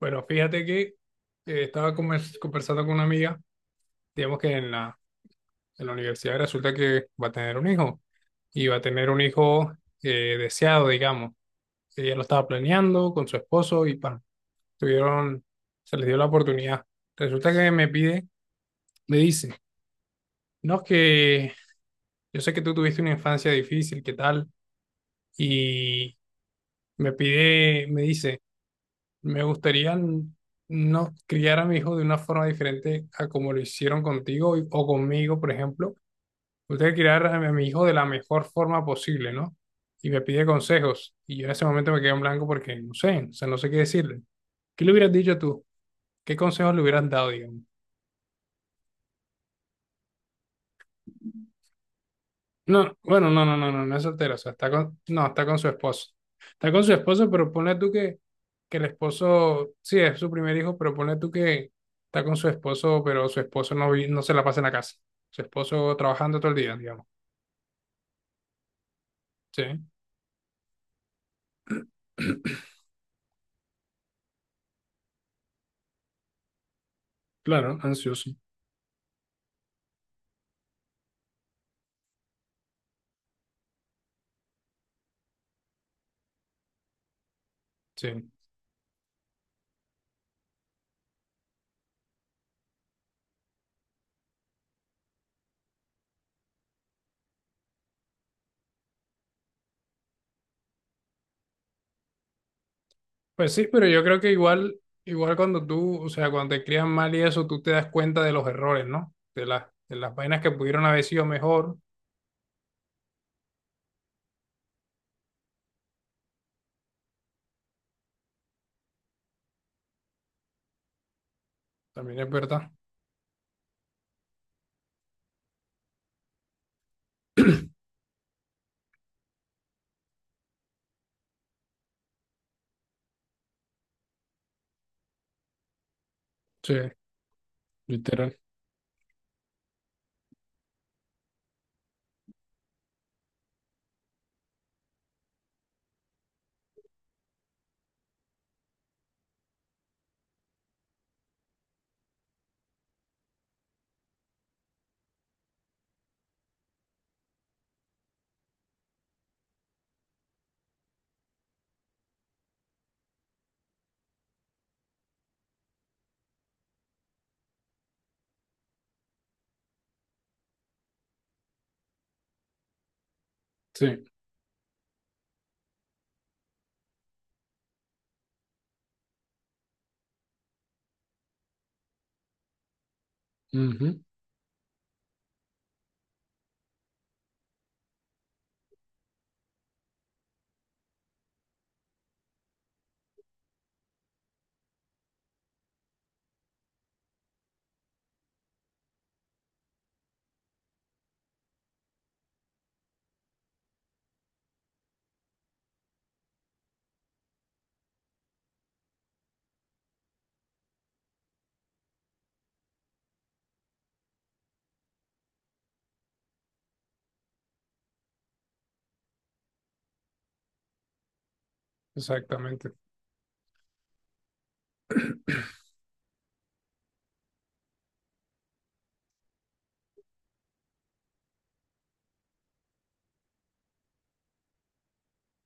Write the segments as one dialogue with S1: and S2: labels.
S1: Bueno, fíjate que estaba conversando con una amiga, digamos que en en la universidad. Resulta que va a tener un hijo y va a tener un hijo deseado, digamos. Ella lo estaba planeando con su esposo y pa, tuvieron, se les dio la oportunidad. Resulta que me pide, me dice, no, es que yo sé que tú tuviste una infancia difícil, ¿qué tal? Y me pide, me dice, me gustaría no criar a mi hijo de una forma diferente a como lo hicieron contigo o conmigo, por ejemplo. Me gustaría criar a mi hijo de la mejor forma posible, ¿no? Y me pide consejos. Y yo en ese momento me quedé en blanco porque no sé, o sea, no sé qué decirle. ¿Qué le hubieras dicho tú? ¿Qué consejos le hubieras dado, digamos? No, bueno, no, no, no, no, no es soltera, o sea, está con, no, está con su esposo. Está con su esposo, pero ponle tú que el esposo, sí, es su primer hijo, pero ponle tú que está con su esposo, pero su esposo no, no se la pasa en la casa. Su esposo trabajando todo el día, digamos. Sí, claro, ansioso. Sí. Pues sí, pero yo creo que igual, igual cuando tú, o sea, cuando te crían mal y eso, tú te das cuenta de los errores, ¿no? De de las vainas que pudieron haber sido mejor, también es verdad. Sí, literal. Sí. Ujú. Exactamente.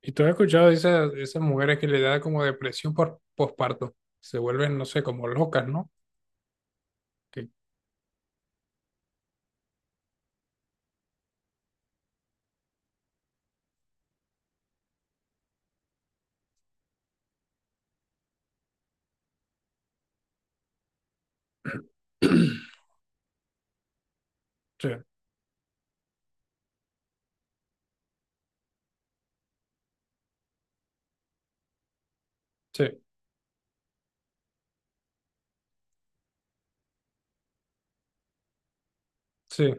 S1: ¿Y tú has escuchado de de esas mujeres que le da como depresión por posparto? Se vuelven, no sé, como locas, ¿no? Que- Sí, sí, sí,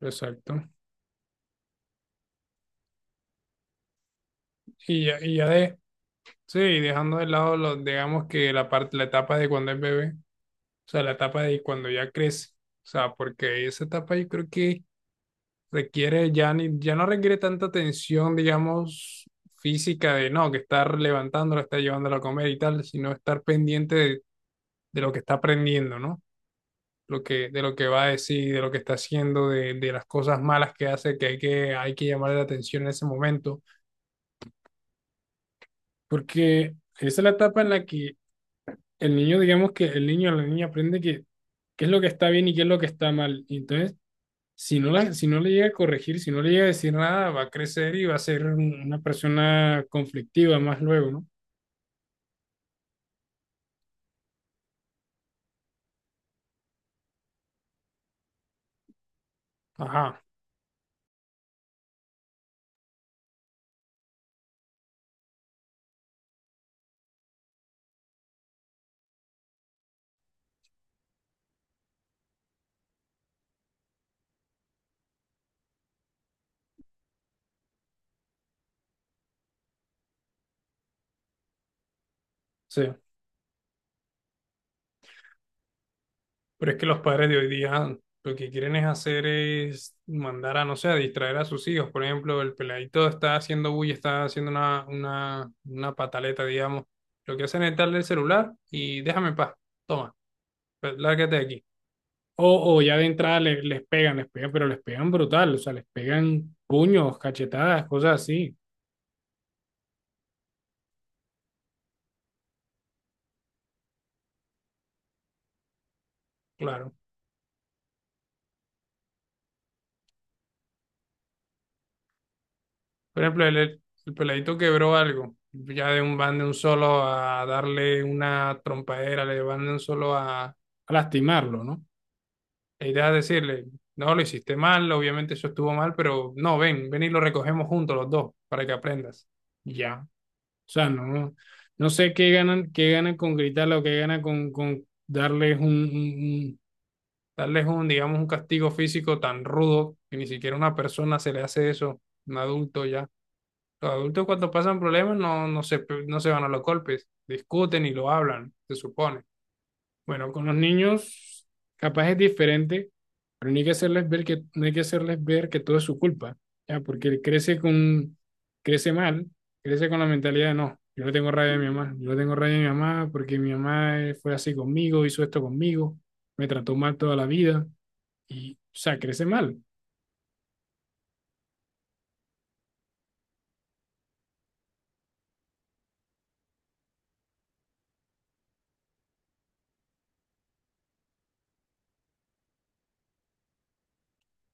S1: exacto. Y ya, sí, dejando de lado, los, digamos que la parte, la etapa de cuando es bebé, o sea, la etapa de cuando ya crece, o sea, porque esa etapa yo creo que requiere, ya no requiere tanta atención, digamos, física de, no, que estar levantándolo, estar llevándolo a comer y tal, sino estar pendiente de lo que está aprendiendo, ¿no? De lo que va a decir, de lo que está haciendo, de las cosas malas que hace, que hay que llamar la atención en ese momento, porque esa es la etapa en la que el niño, digamos que el niño o la niña aprende que qué es lo que está bien y qué es lo que está mal. Y entonces, si no, si no le llega a corregir, si no le llega a decir nada, va a crecer y va a ser una persona conflictiva más luego, ¿no? Ajá, sí. Pero es que los padres de hoy día lo que quieren es hacer es mandar a, no sé, a distraer a sus hijos. Por ejemplo, el peladito está haciendo bulla, está haciendo una pataleta, digamos. Lo que hacen es darle el celular y déjame en paz. Toma, pues, lárgate de aquí. O ya de entrada les pegan, pero les pegan brutal, o sea, les pegan puños, cachetadas, cosas así. Claro. Por ejemplo, el peladito quebró algo. Ya de un van de un solo a darle una trompadera, le van de un solo a lastimarlo, ¿no? La idea es decirle, no, lo hiciste mal, obviamente eso estuvo mal, pero no, ven, ven y lo recogemos juntos los dos para que aprendas. Y ya. O sea, no sé qué ganan con gritarle o qué ganan con darles darles un, digamos, un castigo físico tan rudo que ni siquiera a una persona se le hace eso, un adulto ya. Los adultos cuando pasan problemas no, no se van a los golpes, discuten y lo hablan, se supone. Bueno, con los niños capaz es diferente, pero no hay que hacerles ver no hay que hacerles ver que todo es su culpa, ya, porque él crece con, crece mal, crece con la mentalidad de no, yo le tengo rabia a mi mamá, yo le tengo rabia a mi mamá porque mi mamá fue así conmigo, hizo esto conmigo, me trató mal toda la vida, y, o sea, crece mal,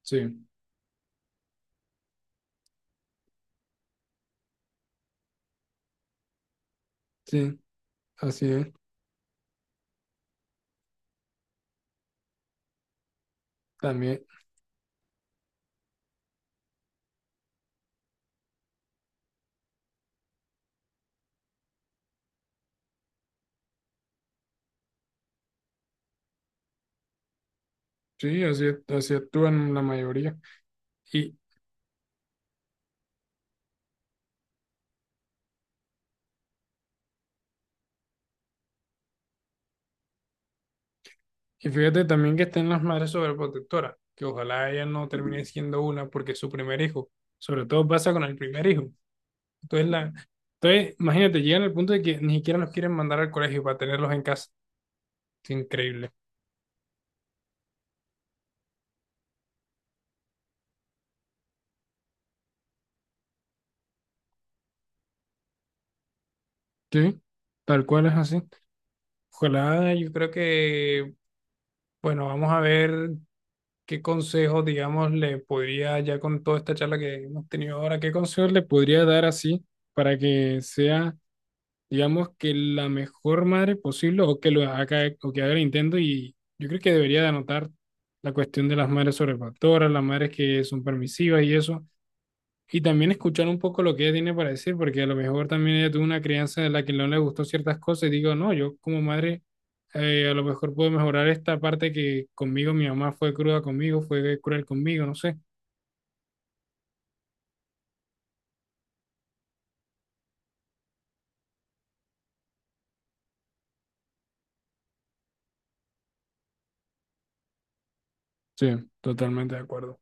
S1: sí. Sí, así es. También. Sí, así, así actúan la mayoría. Y, y fíjate también que están las madres sobreprotectoras, que ojalá ella no termine siendo una porque es su primer hijo. Sobre todo pasa con el primer hijo. Entonces, entonces imagínate, llegan al punto de que ni siquiera los quieren mandar al colegio para tenerlos en casa. Es increíble. Sí, tal cual es así. Ojalá, bueno, vamos a ver qué consejos, digamos, le podría, ya con toda esta charla que hemos tenido ahora, qué consejos le podría dar así para que sea digamos que la mejor madre posible o que lo haga o que haga el intento, y yo creo que debería de anotar la cuestión de las madres sobrefactoras, las madres que son permisivas y eso, y también escuchar un poco lo que ella tiene para decir, porque a lo mejor también ella tuvo una crianza de la que no le gustó ciertas cosas y digo, no, yo como madre a lo mejor puedo mejorar esta parte que conmigo mi mamá fue cruda conmigo, fue cruel conmigo, no sé. Sí, totalmente de acuerdo.